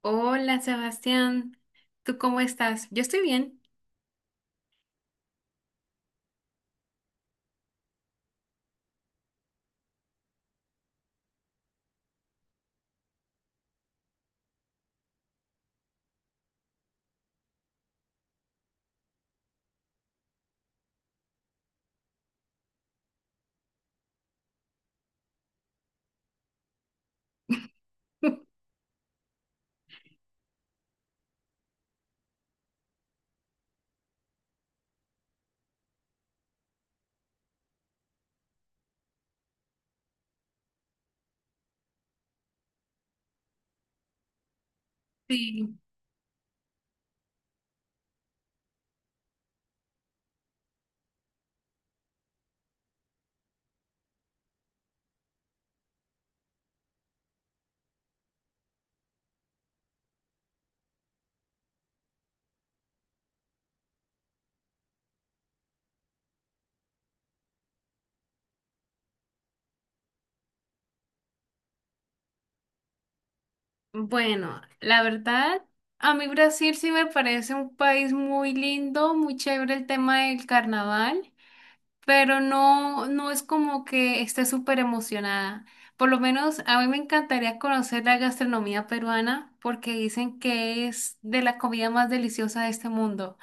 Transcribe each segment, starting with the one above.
Hola Sebastián, ¿tú cómo estás? Yo estoy bien. Sí. Bueno, la verdad, a mí Brasil sí me parece un país muy lindo, muy chévere el tema del carnaval, pero no, no es como que esté súper emocionada. Por lo menos a mí me encantaría conocer la gastronomía peruana porque dicen que es de la comida más deliciosa de este mundo.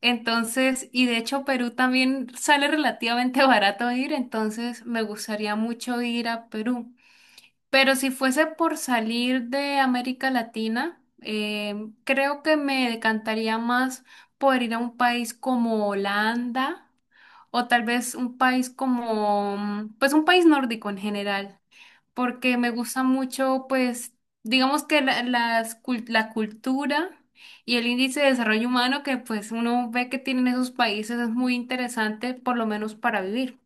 Entonces, y de hecho Perú también sale relativamente barato ir, entonces me gustaría mucho ir a Perú. Pero si fuese por salir de América Latina, creo que me decantaría más por ir a un país como Holanda o tal vez un país como, pues un país nórdico en general porque me gusta mucho, pues, digamos que la cultura y el índice de desarrollo humano que pues uno ve que tienen esos países es muy interesante, por lo menos para vivir.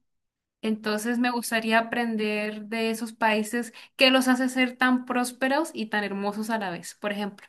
Entonces me gustaría aprender de esos países que los hace ser tan prósperos y tan hermosos a la vez, por ejemplo.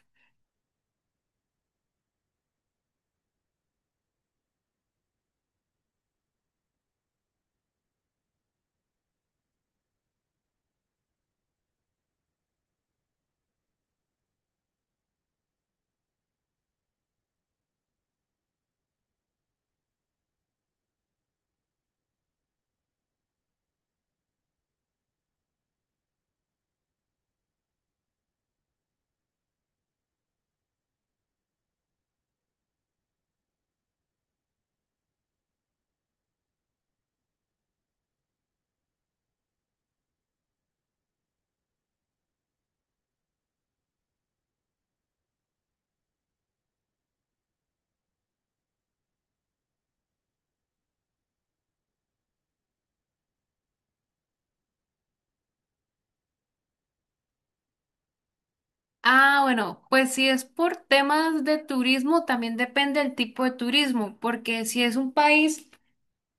Ah, bueno, pues si es por temas de turismo, también depende del tipo de turismo, porque si es un país.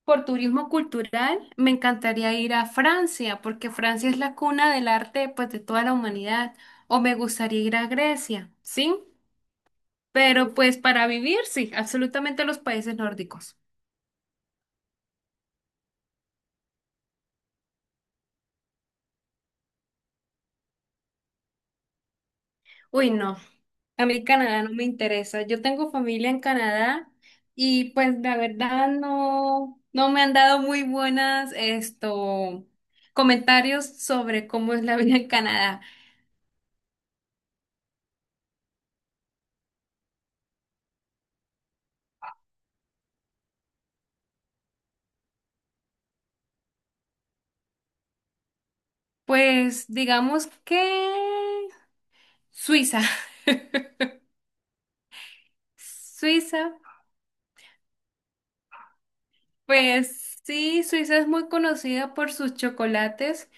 Por turismo cultural, me encantaría ir a Francia, porque Francia es la cuna del arte, pues, de toda la humanidad. O me gustaría ir a Grecia, ¿sí? Pero pues para vivir, sí, absolutamente los países nórdicos. Uy, no, a mí Canadá no me interesa. Yo tengo familia en Canadá y pues la verdad no, no me han dado muy buenas esto, comentarios sobre cómo es la vida en Canadá. Pues digamos que Suiza. Suiza, pues sí, Suiza es muy conocida por sus chocolates,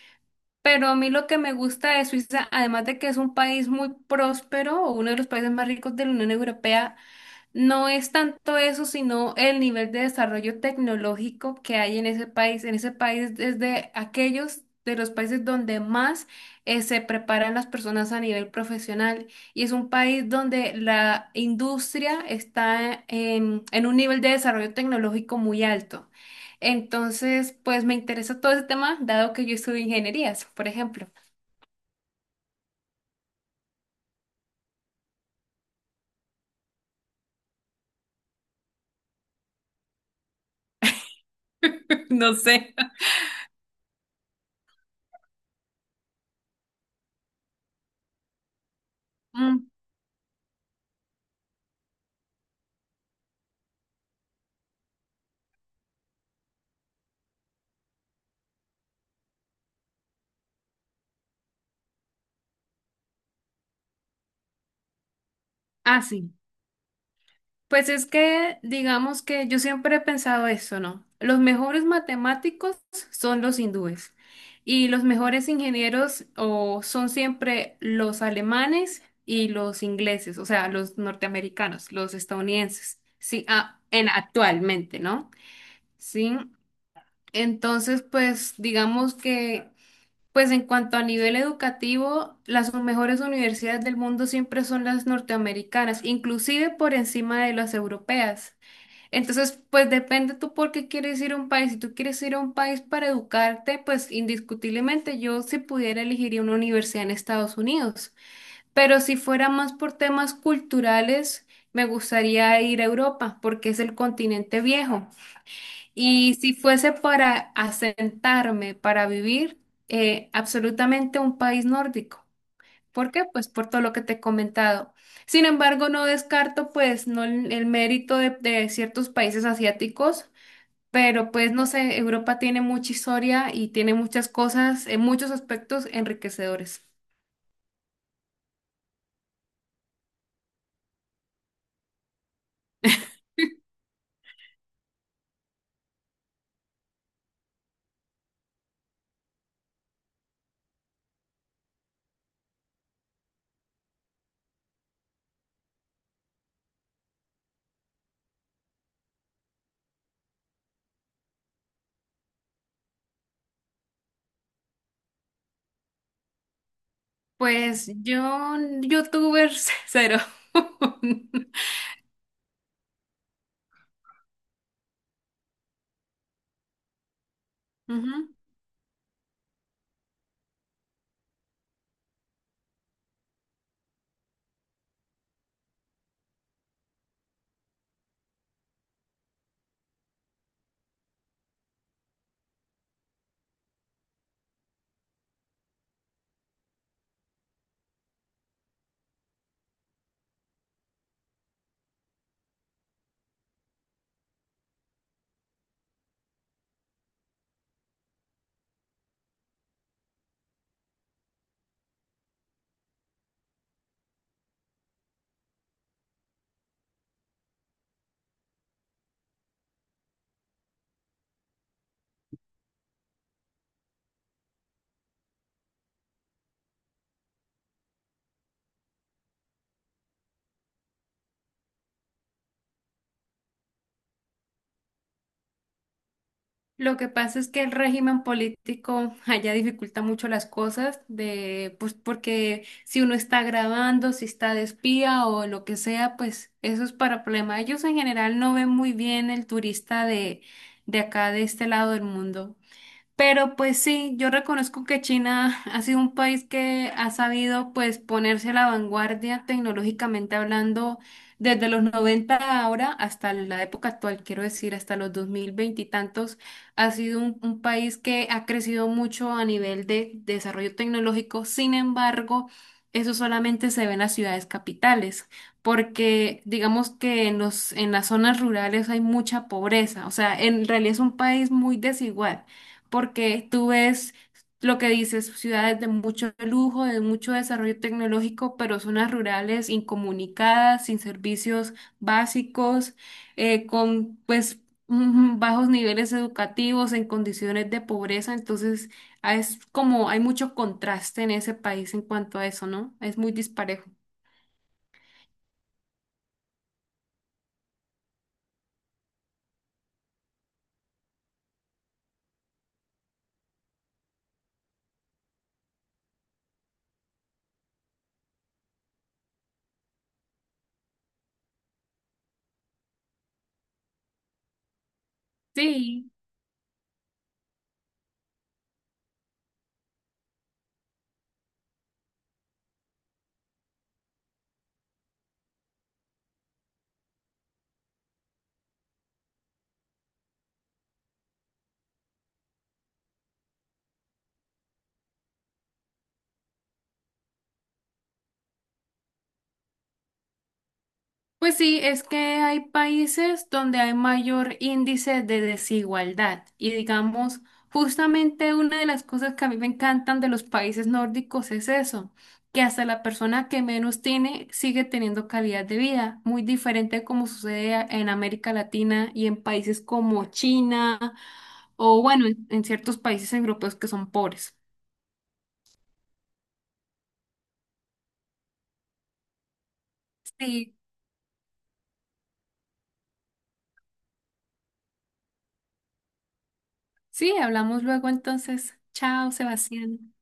pero a mí lo que me gusta de Suiza, además de que es un país muy próspero, o uno de los países más ricos de la Unión Europea, no es tanto eso, sino el nivel de desarrollo tecnológico que hay en ese país. En ese país es de aquellos de los países donde más se preparan las personas a nivel profesional y es un país donde la industria está en un nivel de desarrollo tecnológico muy alto. Entonces, pues me interesa todo ese tema, dado que yo estudio ingenierías, por ejemplo. No sé. Mm, ah, sí. Pues es que, digamos que yo siempre he pensado eso, ¿no? Los mejores matemáticos son los hindúes y los mejores ingenieros o son siempre los alemanes y los ingleses, o sea, los norteamericanos, los estadounidenses, sí, ah, en actualmente, ¿no? Sí, entonces, pues digamos que, pues en cuanto a nivel educativo, las mejores universidades del mundo siempre son las norteamericanas, inclusive por encima de las europeas. Entonces, pues depende tú por qué quieres ir a un país. Si tú quieres ir a un país para educarte, pues indiscutiblemente yo si pudiera elegiría una universidad en Estados Unidos. Pero si fuera más por temas culturales, me gustaría ir a Europa porque es el continente viejo. Y si fuese para asentarme, para vivir, absolutamente un país nórdico. ¿Por qué? Pues por todo lo que te he comentado. Sin embargo, no descarto pues no el mérito de ciertos países asiáticos, pero pues no sé, Europa tiene mucha historia y tiene muchas cosas, en muchos aspectos enriquecedores. Pues yo, youtubers cero. Ujú. Lo que pasa es que el régimen político allá dificulta mucho las cosas de, pues, porque si uno está grabando, si está de espía o lo que sea, pues eso es para problema. Ellos en general no ven muy bien el turista de acá, de este lado del mundo. Pero pues sí, yo reconozco que China ha sido un país que ha sabido pues ponerse a la vanguardia tecnológicamente hablando desde los 90 ahora hasta la época actual, quiero decir, hasta los 2020 y tantos, ha sido un país que ha crecido mucho a nivel de desarrollo tecnológico. Sin embargo, eso solamente se ve en las ciudades capitales, porque digamos que en en las zonas rurales hay mucha pobreza, o sea, en realidad es un país muy desigual porque tú ves lo que dices, ciudades de mucho lujo, de mucho desarrollo tecnológico, pero zonas rurales incomunicadas, sin servicios básicos, con pues bajos niveles educativos, en condiciones de pobreza. Entonces, ah, es como hay mucho contraste en ese país en cuanto a eso, ¿no? Es muy disparejo. Sí. Pues sí, es que hay países donde hay mayor índice de desigualdad y digamos, justamente una de las cosas que a mí me encantan de los países nórdicos es eso, que hasta la persona que menos tiene sigue teniendo calidad de vida, muy diferente como sucede a- en América Latina y en países como China o bueno, en ciertos países europeos que son pobres. Sí, sí, hablamos luego entonces. Chao, Sebastián.